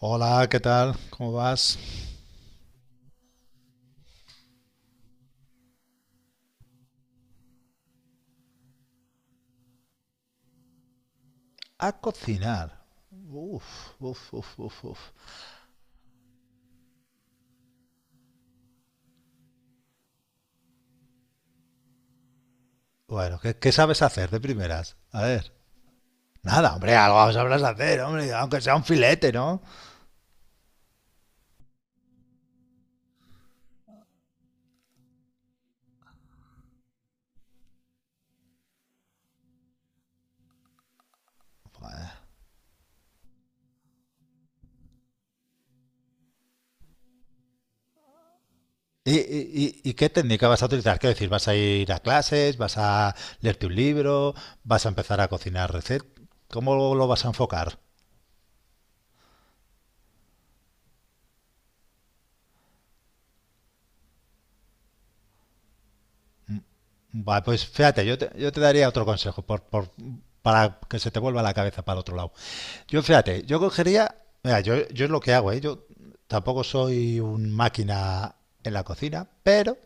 Hola, ¿qué tal? ¿Cómo vas? A cocinar. Uf, uf, uf, uf, uf. Bueno, ¿qué sabes hacer de primeras? A ver. Nada, hombre, algo sabrás hacer, hombre, aunque sea un filete, ¿no? ¿Y qué técnica vas a utilizar? Quiero decir, ¿vas a ir a clases? ¿Vas a leerte un libro? ¿Vas a empezar a cocinar recetas? ¿Cómo lo vas a enfocar? Vale, pues fíjate, yo te daría otro consejo para que se te vuelva la cabeza para el otro lado. Yo fíjate, yo cogería, mira, yo es lo que hago, ¿eh? Yo tampoco soy un máquina en la cocina, pero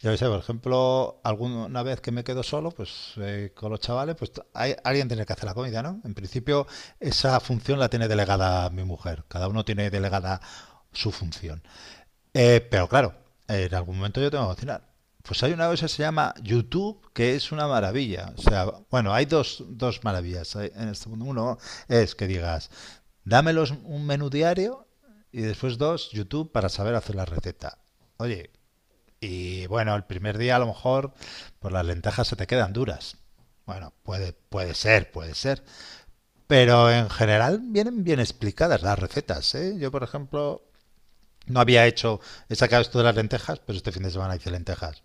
yo qué sé. Por ejemplo, alguna vez que me quedo solo, pues con los chavales, pues hay, alguien tiene que hacer la comida, ¿no? En principio, esa función la tiene delegada mi mujer. Cada uno tiene delegada su función. Pero claro, en algún momento yo tengo que cocinar. Pues hay una cosa que se llama YouTube, que es una maravilla. O sea, bueno, hay dos maravillas en este mundo. Uno es que digas, dámelos un menú diario, y después dos, YouTube para saber hacer la receta. Oye, y bueno, el primer día a lo mejor pues las lentejas se te quedan duras. Bueno, puede ser, puede ser. Pero en general vienen bien explicadas las recetas, ¿eh? Yo, por ejemplo, no había hecho, he sacado esto de las lentejas, pero este fin de semana hice lentejas.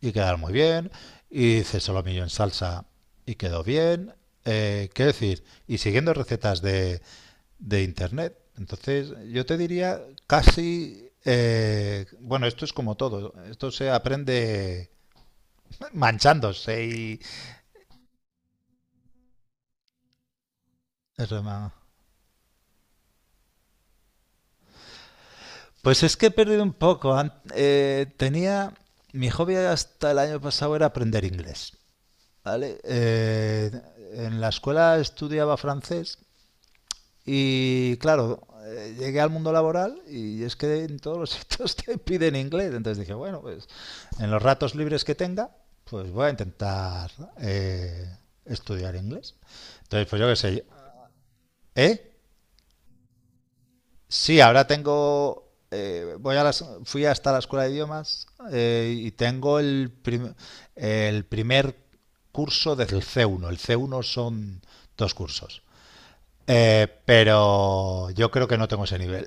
Y quedaron muy bien. Y hice solomillo en salsa y quedó bien. ¿Qué decir? Y siguiendo recetas de internet. Entonces, yo te diría casi, bueno, esto es como todo. Esto se aprende manchándose y... Pues es que he perdido un poco. Tenía... Mi hobby hasta el año pasado era aprender inglés. ¿Vale? En la escuela estudiaba francés y, claro, llegué al mundo laboral y es que en todos los sitios te piden inglés. Entonces dije, bueno, pues en los ratos libres que tenga, pues voy a intentar, eh, estudiar inglés. Entonces, pues yo qué sé, ¿eh? Sí, ahora tengo. Voy a fui hasta la escuela de idiomas, y tengo el primer curso desde el C1. El C1 son dos cursos. Pero yo creo que no tengo ese nivel.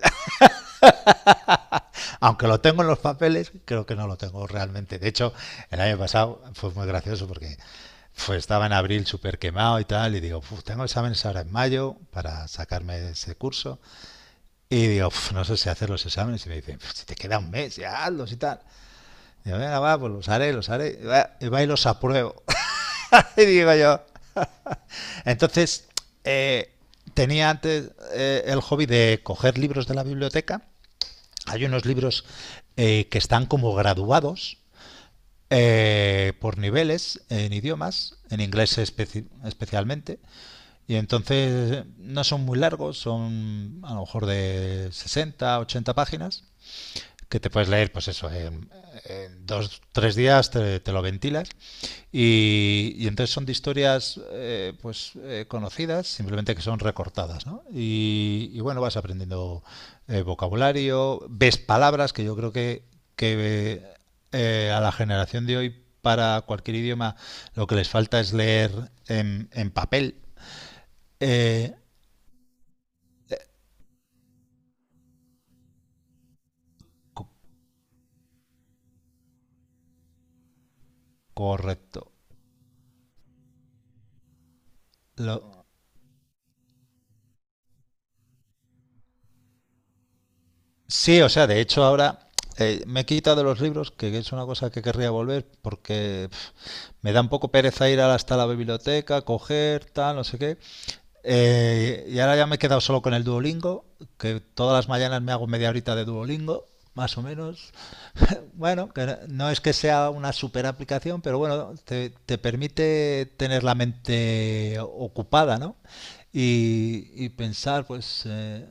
Aunque lo tengo en los papeles, creo que no lo tengo realmente. De hecho, el año pasado fue muy gracioso porque estaba en abril súper quemado y tal, y digo, "Uf, tengo exámenes ahora en mayo para sacarme ese curso." Y digo, "Uf, no sé si hacer los exámenes." Y me dicen, si te queda un mes, ya hazlos y tal. Digo, venga, va, pues los haré, los haré. Y va y los apruebo. Y digo yo. Entonces, eh, tenía antes, el hobby de coger libros de la biblioteca. Hay unos libros, que están como graduados, por niveles en idiomas, en inglés especialmente. Y entonces, no son muy largos, son a lo mejor de 60 80 páginas, que te puedes leer, pues eso, en dos, tres días te, te lo ventilas. Entonces son de historias, pues conocidas, simplemente que son recortadas, ¿no? Y, y, bueno, vas aprendiendo, vocabulario, ves palabras que yo creo que a la generación de hoy para cualquier idioma lo que les falta es leer en papel. Eh, co- Correcto. Lo, Sí, o sea, de hecho ahora, me he quitado los libros, que es una cosa que querría volver, porque pf, me da un poco pereza ir hasta la biblioteca, coger, tal, no sé qué. Y ahora ya me he quedado solo con el Duolingo, que todas las mañanas me hago media horita de Duolingo, más o menos. Bueno, que no es que sea una super aplicación, pero bueno, te permite tener la mente ocupada, ¿no? Y pensar, pues,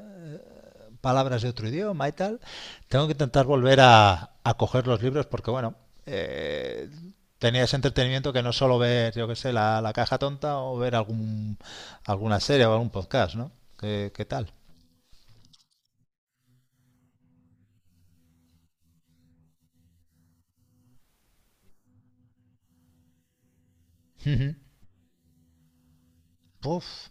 palabras de otro idioma y tal. Tengo que intentar volver a coger los libros porque, bueno, eh, tenía ese entretenimiento que no es solo ver, yo qué sé, la caja tonta o ver algún, alguna serie o algún podcast, ¿no? ¿Qué tal? Puf.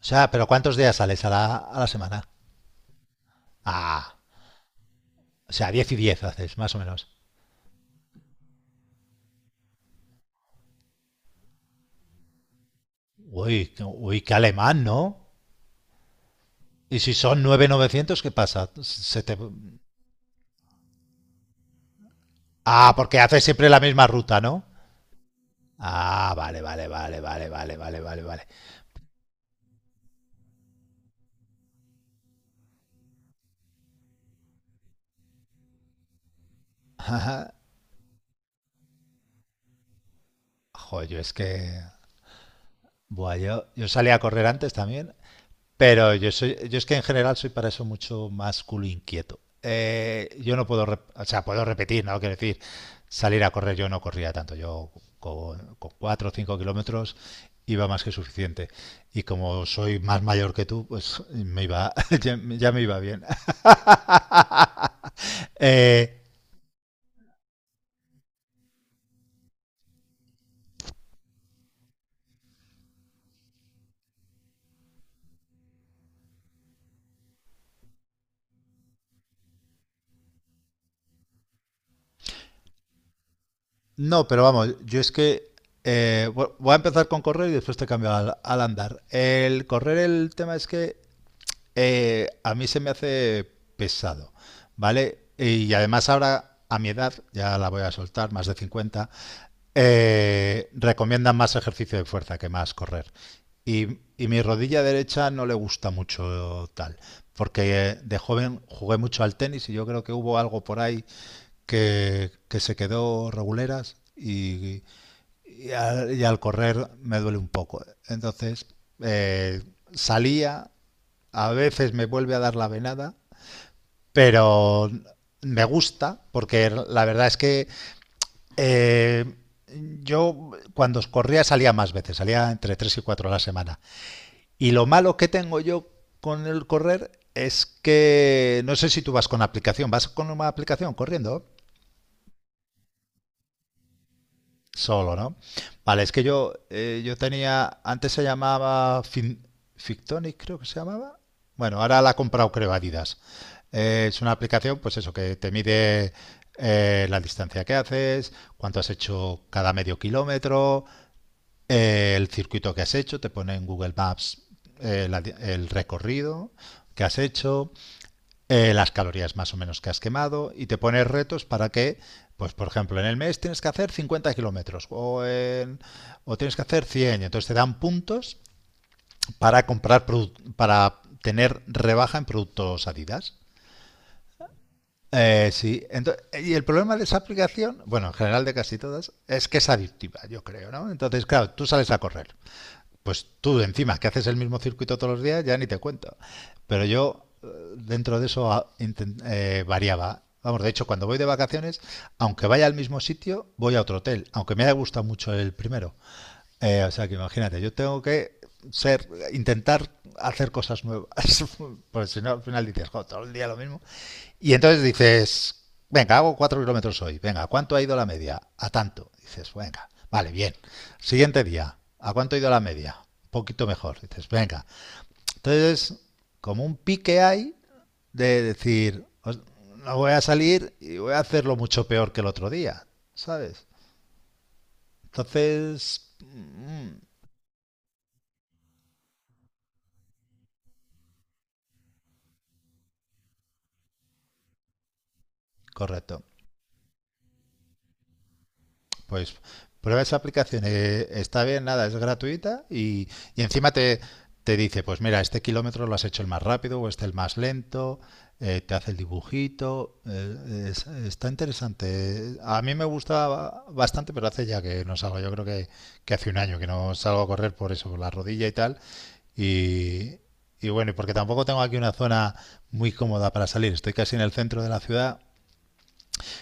O sea, pero ¿cuántos días sales a la semana? Ah, o sea, 10 y 10 haces, más o menos. Uy, uy, qué alemán, ¿no? Y si son nueve novecientos, ¿qué pasa? Se te... Ah, porque haces siempre la misma ruta, ¿no? Ah, vale, vale, vale, vale, vale, vale, vale, vale. Joder, yo es que. Buah, yo salí a correr antes también, pero yo es que en general soy para eso mucho más culo inquieto. Yo no puedo, o sea, puedo repetir, ¿no? Quiero decir, salir a correr yo no corría tanto, yo con 4 o 5 kilómetros iba más que suficiente. Y como soy más mayor que tú, pues me iba, ya me iba bien. Eh, No, pero vamos, yo es que voy a empezar con correr y después te cambio al andar. El correr, el tema es que, a mí se me hace pesado, ¿vale? Y además ahora, a mi edad, ya la voy a soltar, más de 50. Recomiendan más ejercicio de fuerza que más correr. Y mi rodilla derecha no le gusta mucho tal, porque, de joven jugué mucho al tenis y yo creo que hubo algo por ahí que se quedó reguleras y al correr me duele un poco. Entonces, eh, salía, a veces me vuelve a dar la venada, pero me gusta porque la verdad es que, eh, yo cuando corría salía más veces, salía entre 3 y 4 a la semana. Y lo malo que tengo yo con el correr es que no sé si tú vas con aplicación, ¿vas con una aplicación corriendo? Solo, ¿no? Vale, es que yo, yo tenía, antes se llamaba Fictonic, creo que se llamaba. Bueno, ahora la ha comprado, creo, Adidas. Es una aplicación, pues eso, que te mide, la distancia que haces, cuánto has hecho cada medio kilómetro, el circuito que has hecho, te pone en Google Maps, el recorrido que has hecho, las calorías más o menos que has quemado y te pones retos para que, pues por ejemplo, en el mes tienes que hacer 50 kilómetros o tienes que hacer 100, entonces te dan puntos para comprar, para tener rebaja en productos Adidas. Sí, entonces y el problema de esa aplicación, bueno, en general de casi todas, es que es adictiva, yo creo, ¿no? Entonces, claro, tú sales a correr pues tú encima, que haces el mismo circuito todos los días, ya ni te cuento. Pero yo, dentro de eso variaba. Vamos, de hecho, cuando voy de vacaciones, aunque vaya al mismo sitio, voy a otro hotel, aunque me haya gustado mucho el primero. O sea que imagínate, yo tengo que ser, intentar hacer cosas nuevas. Porque si no, al final dices, "Jo, todo el día lo mismo." Y entonces dices, venga, hago 4 kilómetros hoy, venga, ¿cuánto ha ido la media? A tanto. Dices, venga, vale, bien. Siguiente día, ¿a cuánto ha ido la media? Un poquito mejor. Dices, venga. Entonces, como un pique hay de decir, no voy a salir y voy a hacerlo mucho peor que el otro día, ¿sabes? Entonces, mm, mm, correcto. Pues prueba esa aplicación, está bien, nada, es gratuita y encima te dice, pues mira, este kilómetro lo has hecho el más rápido o este el más lento, te hace el dibujito, está interesante. A mí me gusta bastante, pero hace ya que no salgo, yo creo que hace un año que no salgo a correr por eso, por la rodilla y tal. Y, y bueno, y porque tampoco tengo aquí una zona muy cómoda para salir, estoy casi en el centro de la ciudad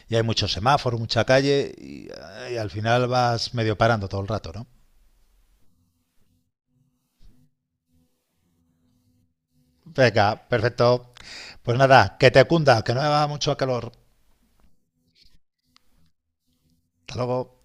y hay muchos semáforos, mucha calle y al final vas medio parando todo el rato, ¿no? Venga, perfecto. Pues nada, que te cunda, que no haga mucho calor. Hasta luego.